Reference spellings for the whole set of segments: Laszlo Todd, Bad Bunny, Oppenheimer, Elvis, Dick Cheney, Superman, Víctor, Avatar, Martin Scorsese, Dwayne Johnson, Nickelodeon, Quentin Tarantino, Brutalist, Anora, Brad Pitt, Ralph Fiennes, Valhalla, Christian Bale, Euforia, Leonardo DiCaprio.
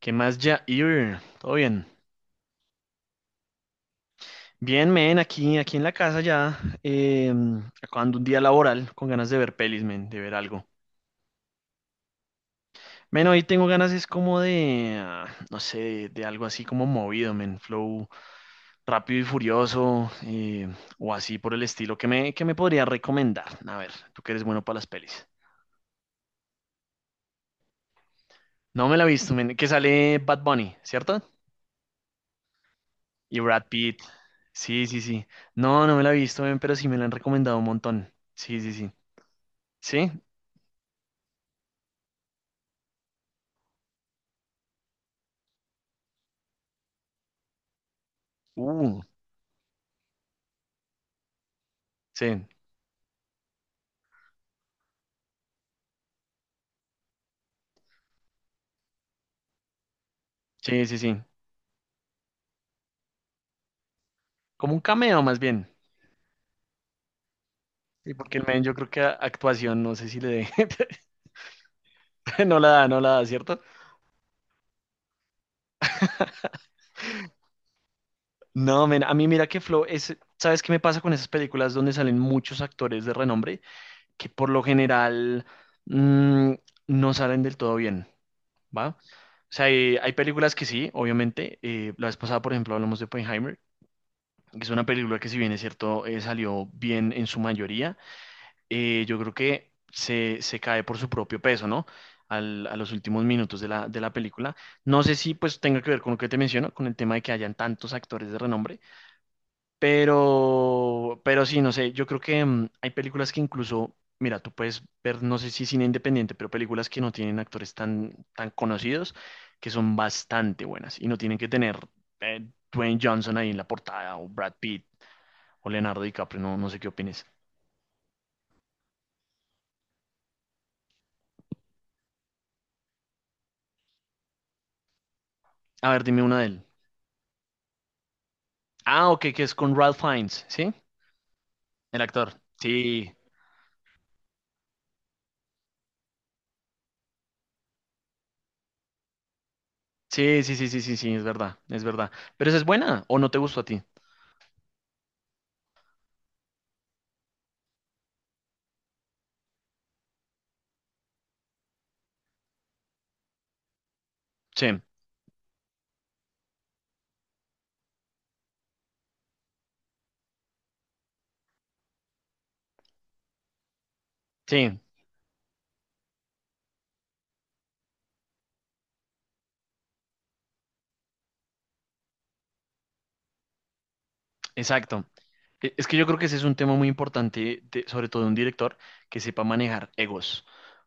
¿Qué más, Jair? ¿Todo bien? Bien, men, aquí en la casa ya, acabando un día laboral, con ganas de ver pelis, men, de ver algo. Men, hoy tengo ganas, es como de, ah, no sé, de algo así como movido, men, flow rápido y furioso, o así por el estilo. ¿Qué me podría recomendar? A ver, tú que eres bueno para las pelis. No me la he visto, men, que sale Bad Bunny, ¿cierto? Y Brad Pitt. Sí, sí, sí. No, no me la he visto, men, pero sí me la han recomendado un montón. Sí, sí, sí. Sí, uh, sí, sí, sí, sí. Como un cameo más bien. Porque el men yo creo que actuación, no sé si le dé, no la da, no la da, ¿cierto? No, men, a mí mira que Flow es, ¿sabes qué me pasa con esas películas donde salen muchos actores de renombre que por lo general mm, no salen del todo bien, ¿va? O sea, hay películas que sí, obviamente. La vez pasada, por ejemplo, hablamos de Oppenheimer, que es una película que, si bien es cierto, salió bien en su mayoría. Yo creo que se cae por su propio peso, ¿no? A los últimos minutos de la película. No sé si pues tenga que ver con lo que te menciono, con el tema de que hayan tantos actores de renombre, pero sí, no sé, yo creo que hay películas que, incluso, mira, tú puedes ver, no sé si cine independiente, pero películas que no tienen actores tan conocidos, que son bastante buenas y no tienen que tener Dwayne Johnson ahí en la portada, o Brad Pitt o Leonardo DiCaprio, no sé qué opines. A ver, dime una de él. Ah, ok, que es con Ralph Fiennes, ¿sí? El actor. Sí, sí, sí, sí, sí, sí, sí, es verdad, es verdad. Pero esa es buena, ¿o no te gustó a ti? Sí, sí, exacto. Es que yo creo que ese es un tema muy importante, sobre todo de un director que sepa manejar egos.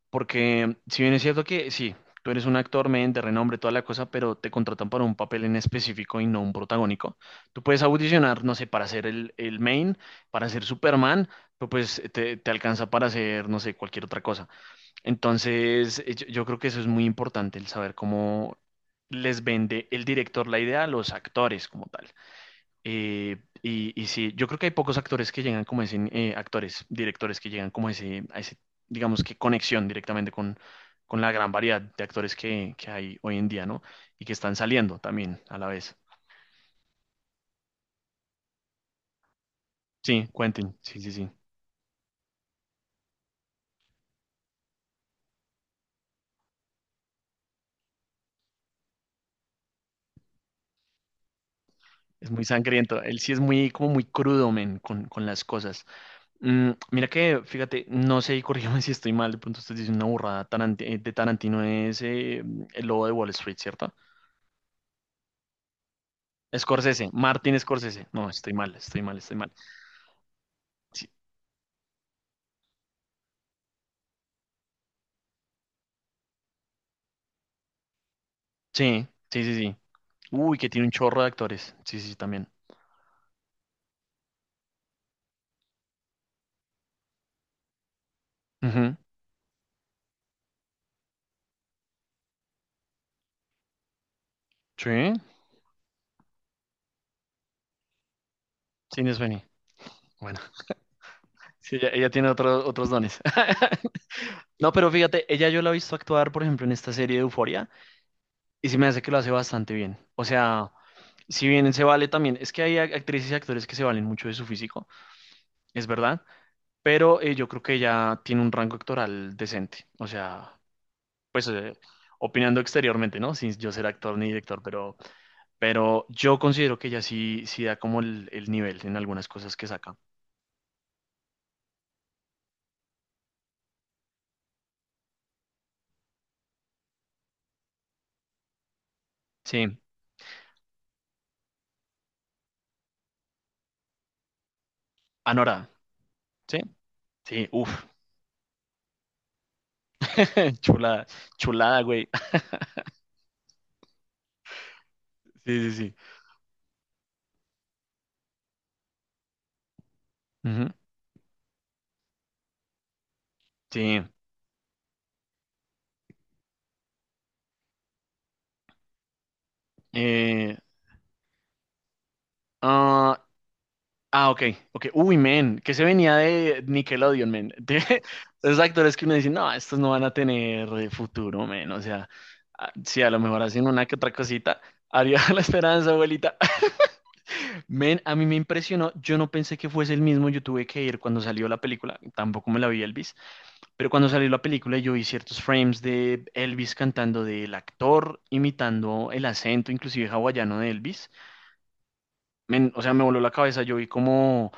Porque si bien es cierto que sí, tú eres un actor men de renombre, toda la cosa, pero te contratan para un papel en específico y no un protagónico. Tú puedes audicionar, no sé, para ser el main, para ser Superman, pero pues te alcanza para hacer, no sé, cualquier otra cosa. Entonces, yo creo que eso es muy importante, el saber cómo les vende el director la idea a los actores como tal. Eh, y sí, yo creo que hay pocos actores que llegan como ese, actores, directores que llegan como ese, digamos que conexión directamente con la gran variedad de actores que hay hoy en día, ¿no? Y que están saliendo también a la vez. Sí, Quentin, sí, sí, sí. Es muy sangriento. Él sí es muy, como muy crudo, men, con las cosas. Mm, mira que, fíjate, no sé, y corrígeme si estoy mal, de pronto usted dice una burrada, de Tarantino es el lobo de Wall Street, ¿cierto? Scorsese, Martin Scorsese. No, estoy mal, estoy mal, estoy mal. Sí, sí, sí, sí. Sí. Uy, que tiene un chorro de actores. Sí, sí, sí, también. Ujú. Sí, sí, me suena. Bueno, sí, ella tiene otros otros dones. No, pero fíjate, ella yo la he visto actuar, por ejemplo, en esta serie de Euforia. Y se me hace que lo hace bastante bien. O sea, si bien se vale también, es que hay actrices y actores que se valen mucho de su físico, es verdad, pero yo creo que ella tiene un rango actoral decente. O sea, pues opinando exteriormente, ¿no? Sin yo ser actor ni director, pero yo considero que ella sí, sí da como el nivel en algunas cosas que saca. Sí, Anora, ¿sí? Sí, uff, chulada, chulada, güey. Sí, sí, sí. Ujú. Sí. Eh, ah, ok, ok. Uy, men, que se venía de Nickelodeon, men. De esos actores que uno dice, no, estos no van a tener futuro, men. O sea, ah, sí, a lo mejor hacen una que otra cosita. Arriba la esperanza, abuelita. Men, a mí me impresionó. Yo no pensé que fuese el mismo. Yo tuve que ir cuando salió la película. Tampoco me la vi Elvis. Pero cuando salió la película, yo vi ciertos frames de Elvis cantando, del actor imitando el acento, inclusive hawaiano de Elvis. Men, o sea, me voló la cabeza. Yo vi como,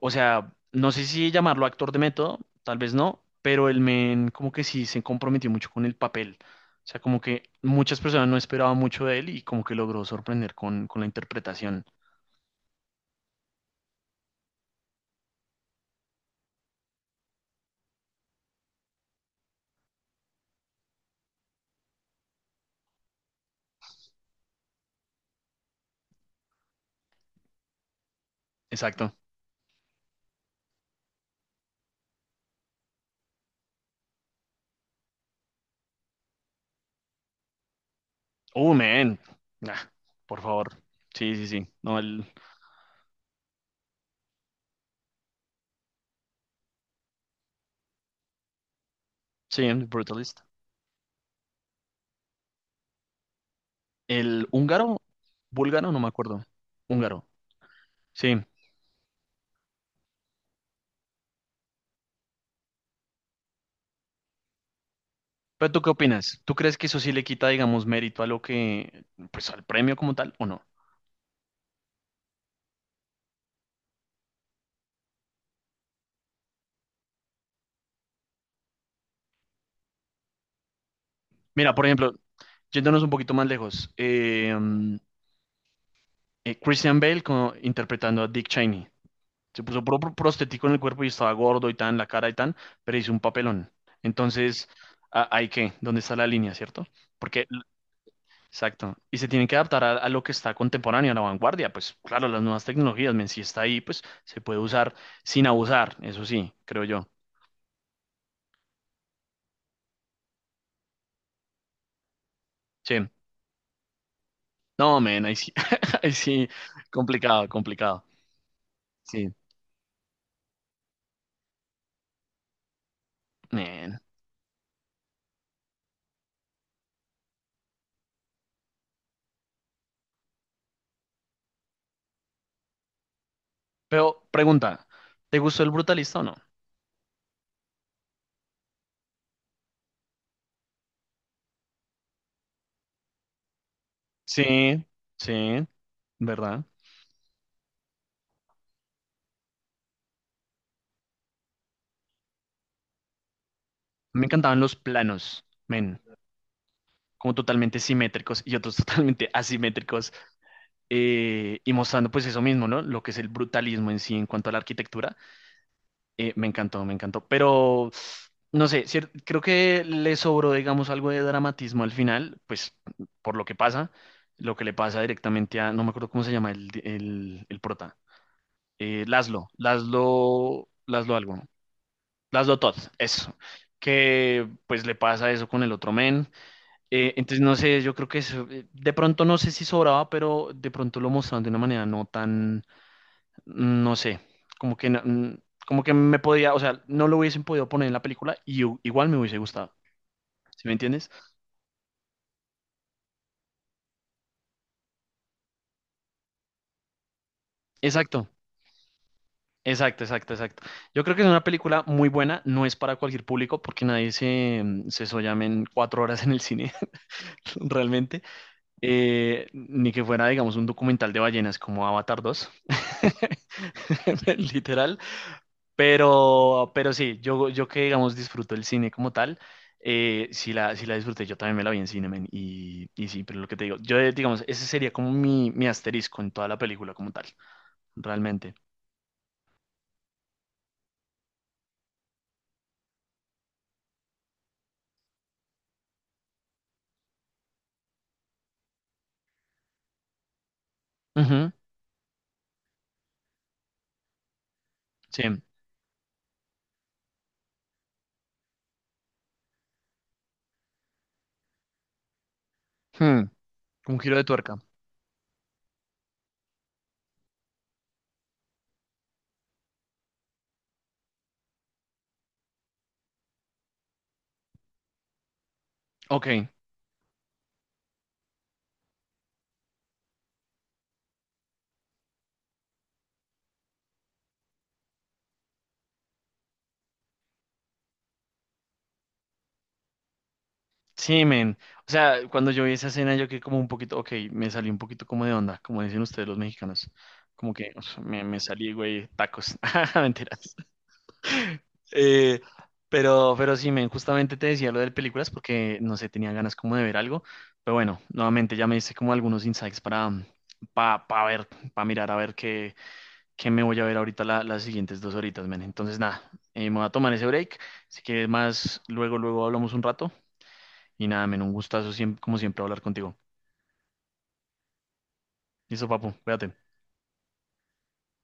o sea, no sé si llamarlo actor de método, tal vez no, pero el men como que sí se comprometió mucho con el papel. O sea, como que muchas personas no esperaban mucho de él y como que logró sorprender con la interpretación. Exacto. Oh, man. Ah, por favor. Sí, sí, sí. No, el... Sí, el Brutalist. El húngaro, búlgaro, no me acuerdo. Húngaro. Sí. Pero ¿tú qué opinas? ¿Tú crees que eso sí le quita, digamos, mérito a lo que, pues al premio como tal, o no? Mira, por ejemplo, yéndonos un poquito más lejos, Christian Bale interpretando a Dick Cheney. Se puso prostético en el cuerpo y estaba gordo y tan, la cara y tan, pero hizo un papelón. Entonces, ¿ahí qué? ¿Dónde está la línea, cierto? Porque, exacto, y se tienen que adaptar a lo que está contemporáneo, a la vanguardia. Pues claro, las nuevas tecnologías, men, si está ahí, pues se puede usar sin abusar, eso sí, creo yo. Sí, no, men, ahí sí, ahí sí, complicado, complicado. Sí, men. Pero pregunta, ¿te gustó el brutalista o no? Sí, sí, ¿verdad? Me encantaban los planos, men, como totalmente simétricos y otros totalmente asimétricos, y mostrando pues eso mismo, ¿no? Lo que es el brutalismo en sí en cuanto a la arquitectura. Me encantó, me encantó. Pero, no sé, creo que le sobró, digamos, algo de dramatismo al final, pues por lo que pasa, lo que le pasa directamente a, no me acuerdo cómo se llama el prota. Laszlo, Laszlo, Laszlo algo, ¿no? Laszlo Todd, eso, que pues le pasa eso con el otro men. Entonces no sé, yo creo que eso, de pronto no sé si sobraba, pero de pronto lo mostraron de una manera no tan, no sé, como que, como que me podía, o sea, no lo hubiesen podido poner en la película y igual me hubiese gustado, ¿sí me entiendes? Exacto. Exacto, exacto, exacto. Yo creo que es una película muy buena, no es para cualquier público porque nadie se, se sollame en 4 horas en el cine, realmente. Ni que fuera, digamos, un documental de ballenas como Avatar 2 literal. Pero sí, yo que, digamos, disfruto el cine como tal, sí la, sí la disfruté, yo también me la vi en cine, men, y sí, pero lo que te digo, digamos, ese sería como mi asterisco en toda la película como tal, realmente. Ujú, sí. Hmm, un giro de tuerca. Ok. Sí, men. O sea, cuando yo vi esa escena, yo quedé como un poquito, ok, me salí un poquito como de onda, como dicen ustedes los mexicanos. Como que uf, me salí, güey, tacos. Mentiras. Eh, pero sí, men, justamente te decía lo de películas porque, no sé, tenía ganas como de ver algo. Pero bueno, nuevamente ya me hice como algunos insights ver, para mirar a ver qué me voy a ver ahorita las siguientes 2 horitas, men. Entonces, nada, me voy a tomar ese break. Si quieres más, luego hablamos un rato. Y nada, men, un gustazo siempre, como siempre hablar contigo. Listo, papu, cuídate.